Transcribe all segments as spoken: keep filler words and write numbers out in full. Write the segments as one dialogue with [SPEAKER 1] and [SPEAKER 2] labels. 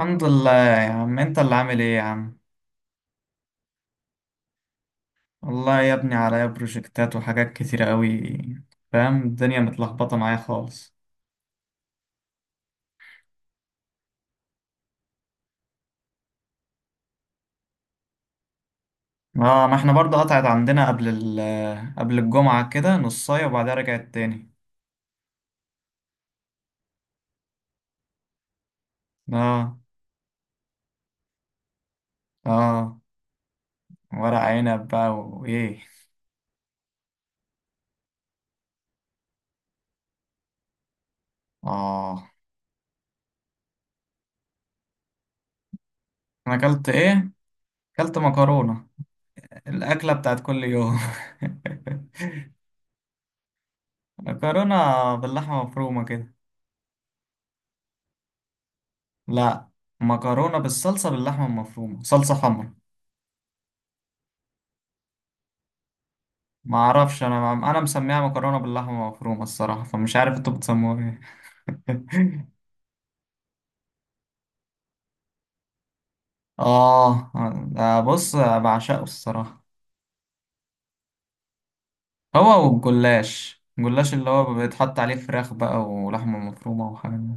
[SPEAKER 1] الحمد لله يا عم. انت اللي عامل ايه يا عم؟ والله يا ابني عليا بروجكتات وحاجات كتيرة قوي. فاهم الدنيا متلخبطة معايا خالص. اه، ما احنا برضه قطعت عندنا قبل ال قبل الجمعة كده نصاية وبعدها رجعت تاني. اه. اه، ورق عنب بقى وايه؟ اه. انا اكلت ايه؟ اكلت مكرونة، الاكلة بتاعت كل يوم. مكرونة باللحمة مفرومة كده. لا، مكرونة بالصلصة باللحمة المفرومة، صلصة حمرا. ما اعرفش، انا انا مسميها مكرونه باللحمه مفرومه الصراحه، فمش عارف انتوا بتسموها ايه. اه. ده بص، بعشقه الصراحه. هو والجلاش، الجلاش اللي هو بيتحط عليه فراخ بقى ولحمه مفرومه وحاجات دي.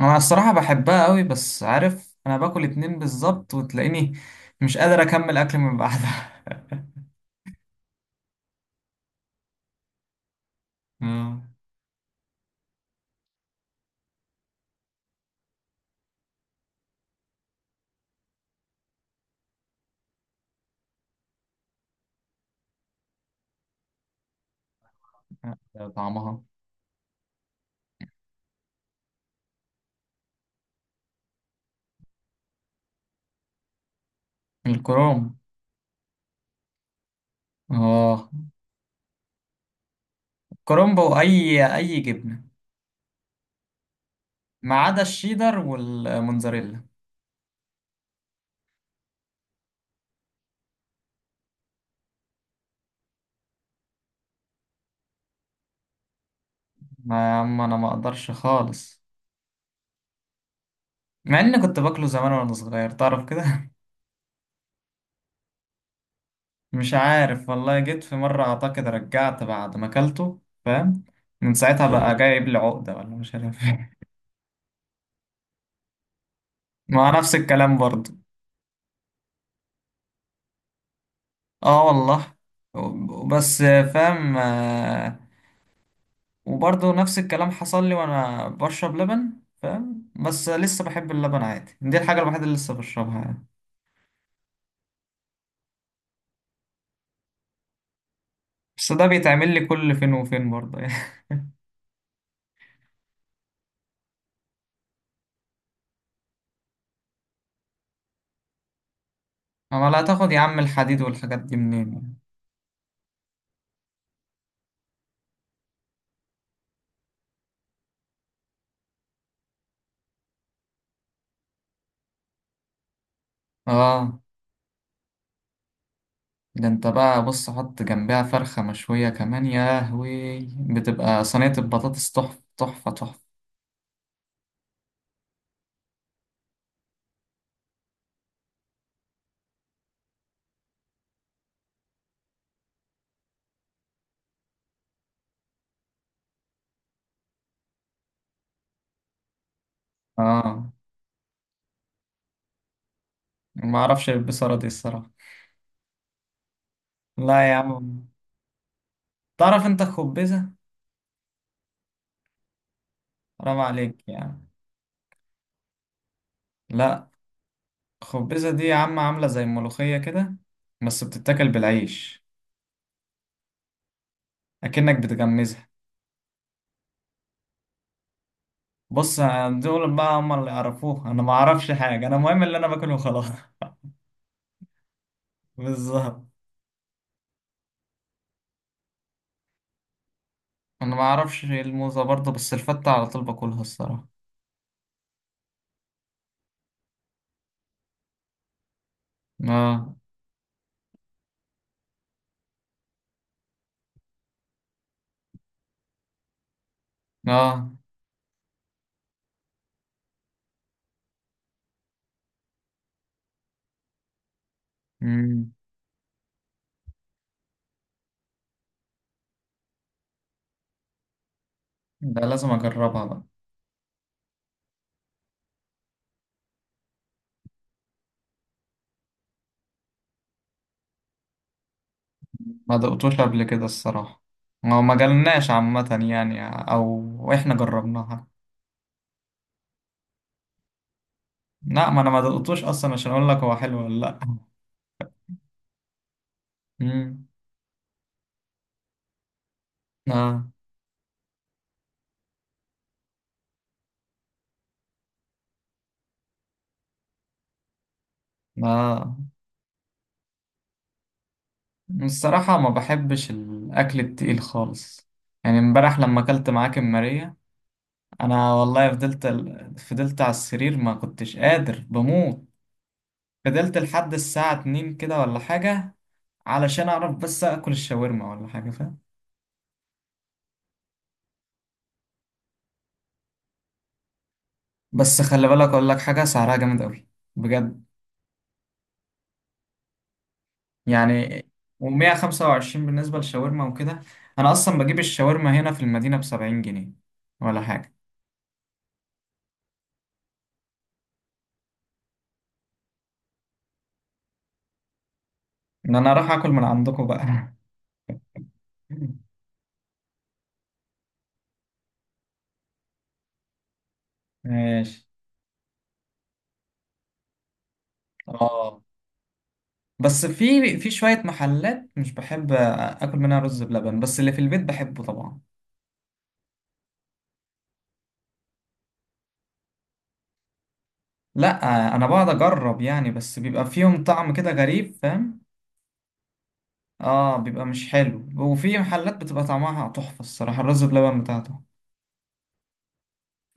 [SPEAKER 1] انا الصراحه بحبها قوي، بس عارف، انا باكل اتنين بالظبط وتلاقيني مش قادر اكمل اكل من بعدها. آه. ده طعمها. الكروم. اه كرومبو، اي اي جبنه، ما عدا الشيدر والموتزاريلا. ما يا عم انا ما اقدرش خالص، مع اني كنت باكله زمان وانا صغير تعرف كده. مش عارف والله، جيت في مرة اعتقد رجعت بعد ما اكلته فاهم. من ساعتها بقى مم. جايب لي عقدة ولا مش عارف إيه. ما نفس الكلام برضو. اه والله. بس. فاهم. آه، وبرضو نفس الكلام حصل لي وانا بشرب لبن. فاهم، بس لسه بحب اللبن عادي، دي الحاجة الوحيدة اللي لسه بشربها يعني. بس ده بيتعمل لي كل فين وفين برضه يعني. اما لا تاخد يا عم الحديد والحاجات دي منين؟ اه. ده انت بقى بص، حط جنبها فرخة مشوية كمان، يا لهوي بتبقى صينية البطاطس تحفة تحفة تحفة. اه، ما اعرفش البصرة دي الصراحة. لا يا عم. تعرف انت خبزة؟ حرام عليك يعني. لا، خبزة دي يا عم عاملة زي الملوخية كده، بس بتتاكل بالعيش، اكنك بتغمزها. بص، دول بقى هم اللي يعرفوه، انا ما اعرفش حاجة، انا المهم اللي انا باكله خلاص. بالظبط. انا ما اعرفش الموزة برضه، بس الفتة على طول باكلها الصراحة. اه. اه. مم. ده لازم اجربها بقى. ما دقتوش قبل كده الصراحة، ما ما جالناش عامة يعني، او احنا جربناها. لا، ما انا ما دقتوش اصلا عشان اقول لك هو حلو ولا لا. مم. اه. اه. الصراحة ما بحبش الاكل التقيل خالص. يعني امبارح لما اكلت معاك ماريا، انا والله فضلت فضلت على السرير، ما كنتش قادر، بموت. فضلت لحد الساعة اتنين كده ولا حاجة، علشان اعرف بس اكل الشاورما ولا حاجه فاهم. بس خلي بالك اقول لك حاجه، سعرها جامد قوي بجد. يعني و125 بالنسبه للشاورما وكده. انا اصلا بجيب الشاورما هنا في المدينه ب سبعين جنيه ولا حاجه. ان انا اروح اكل من عندكم بقى. ماشي. اه، بس في في شويه محلات مش بحب اكل منها رز بلبن، بس اللي في البيت بحبه طبعا. لا انا بقعد اجرب يعني، بس بيبقى فيهم طعم كده غريب فاهم. اه، بيبقى مش حلو، وفي محلات بتبقى طعمها تحفة الصراحة الرز بلبن بتاعته.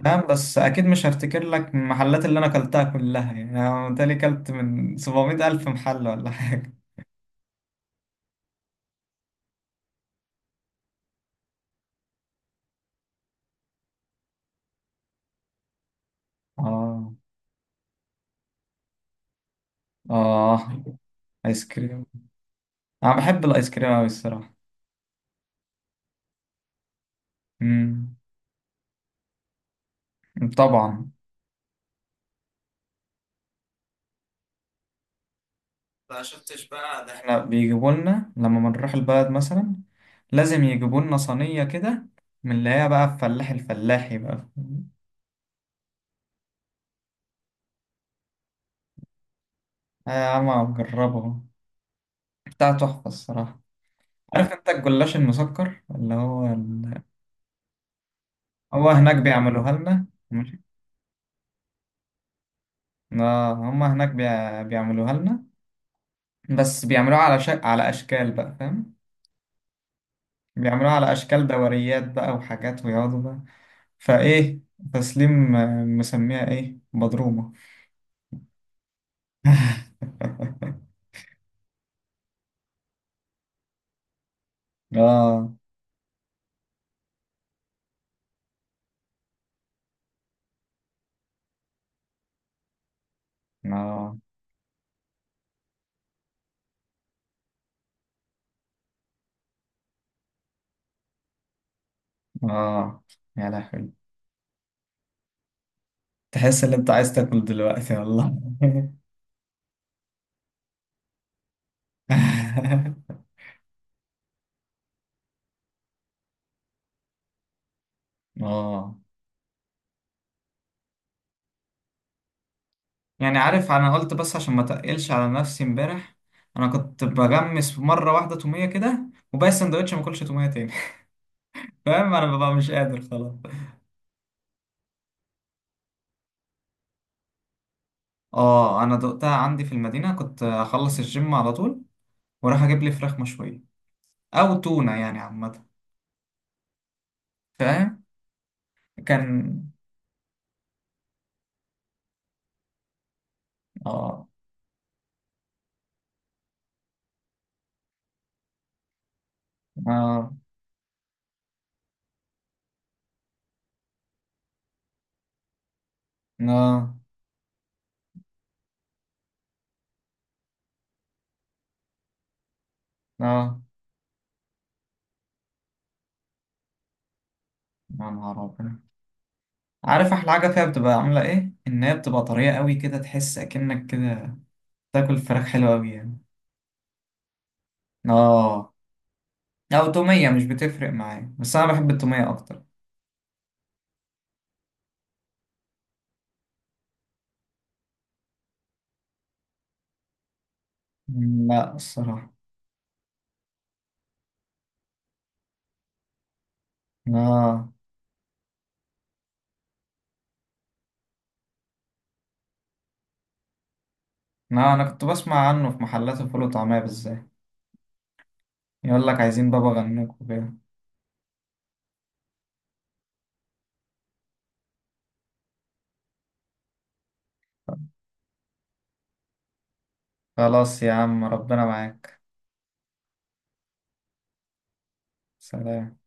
[SPEAKER 1] فاهم، بس أكيد مش هفتكر لك المحلات اللي أنا كلتها كلها، يعني أنا متهيألي كلت من سبعمائة ألف محل ولا حاجة. اه. اه. آيس كريم. أنا بحب الآيس كريم أوي الصراحة. امم. طبعا. ما شفتش بقى، ده احنا بيجيبوا لنا لما بنروح البلد مثلا، لازم يجيبوا لنا صينية كده من اللي هي بقى الفلاح، الفلاحي بقى. آه يا عم، أجربه. بتاع تحفة الصراحة. عارف انت الجلاش المسكر اللي هو ال... هو هناك بيعملوها لنا. ماشي. اه، هما هناك بيع... بيعملوها لنا، بس بيعملوها على ش... على اشكال بقى فاهم. بيعملوها على اشكال دوريات بقى وحاجات ويقعدوا بقى. فايه، تسليم آه، مسميها ايه، بضرومه. اه. اه. اه. يا لهوي، تحس ان انت عايز تاكل دلوقتي والله. اه. يعني عارف انا قلت بس عشان ما تقلش على نفسي، امبارح انا كنت بغمس مره واحده توميه كده، وباقي السندوتش ما اكلش توميه تاني. فاهم انا ببقى مش قادر خلاص. اه، انا دقتها عندي في المدينه، كنت اخلص الجيم على طول واروح اجيب لي فراخ مشويه او تونه يعني عامه. فاهم. كان. اه. اه. اه. اه. يا نهار أبيض. عارف احلى حاجه فيها بتبقى عامله ايه؟ ان هي بتبقى طريه قوي كده، تحس اكنك كده تاكل فراخ حلوه قوي يعني. اه. أو تومية مش بتفرق معايا، بس أنا بحب التومية أكتر. مم، لا الصراحة. لا، لا أنا كنت بسمع عنه في محلات الفول وطعمية بالذات، يقول لك عايزين بابا غنوج وكده. خلاص يا عم، ربنا معاك. سلام.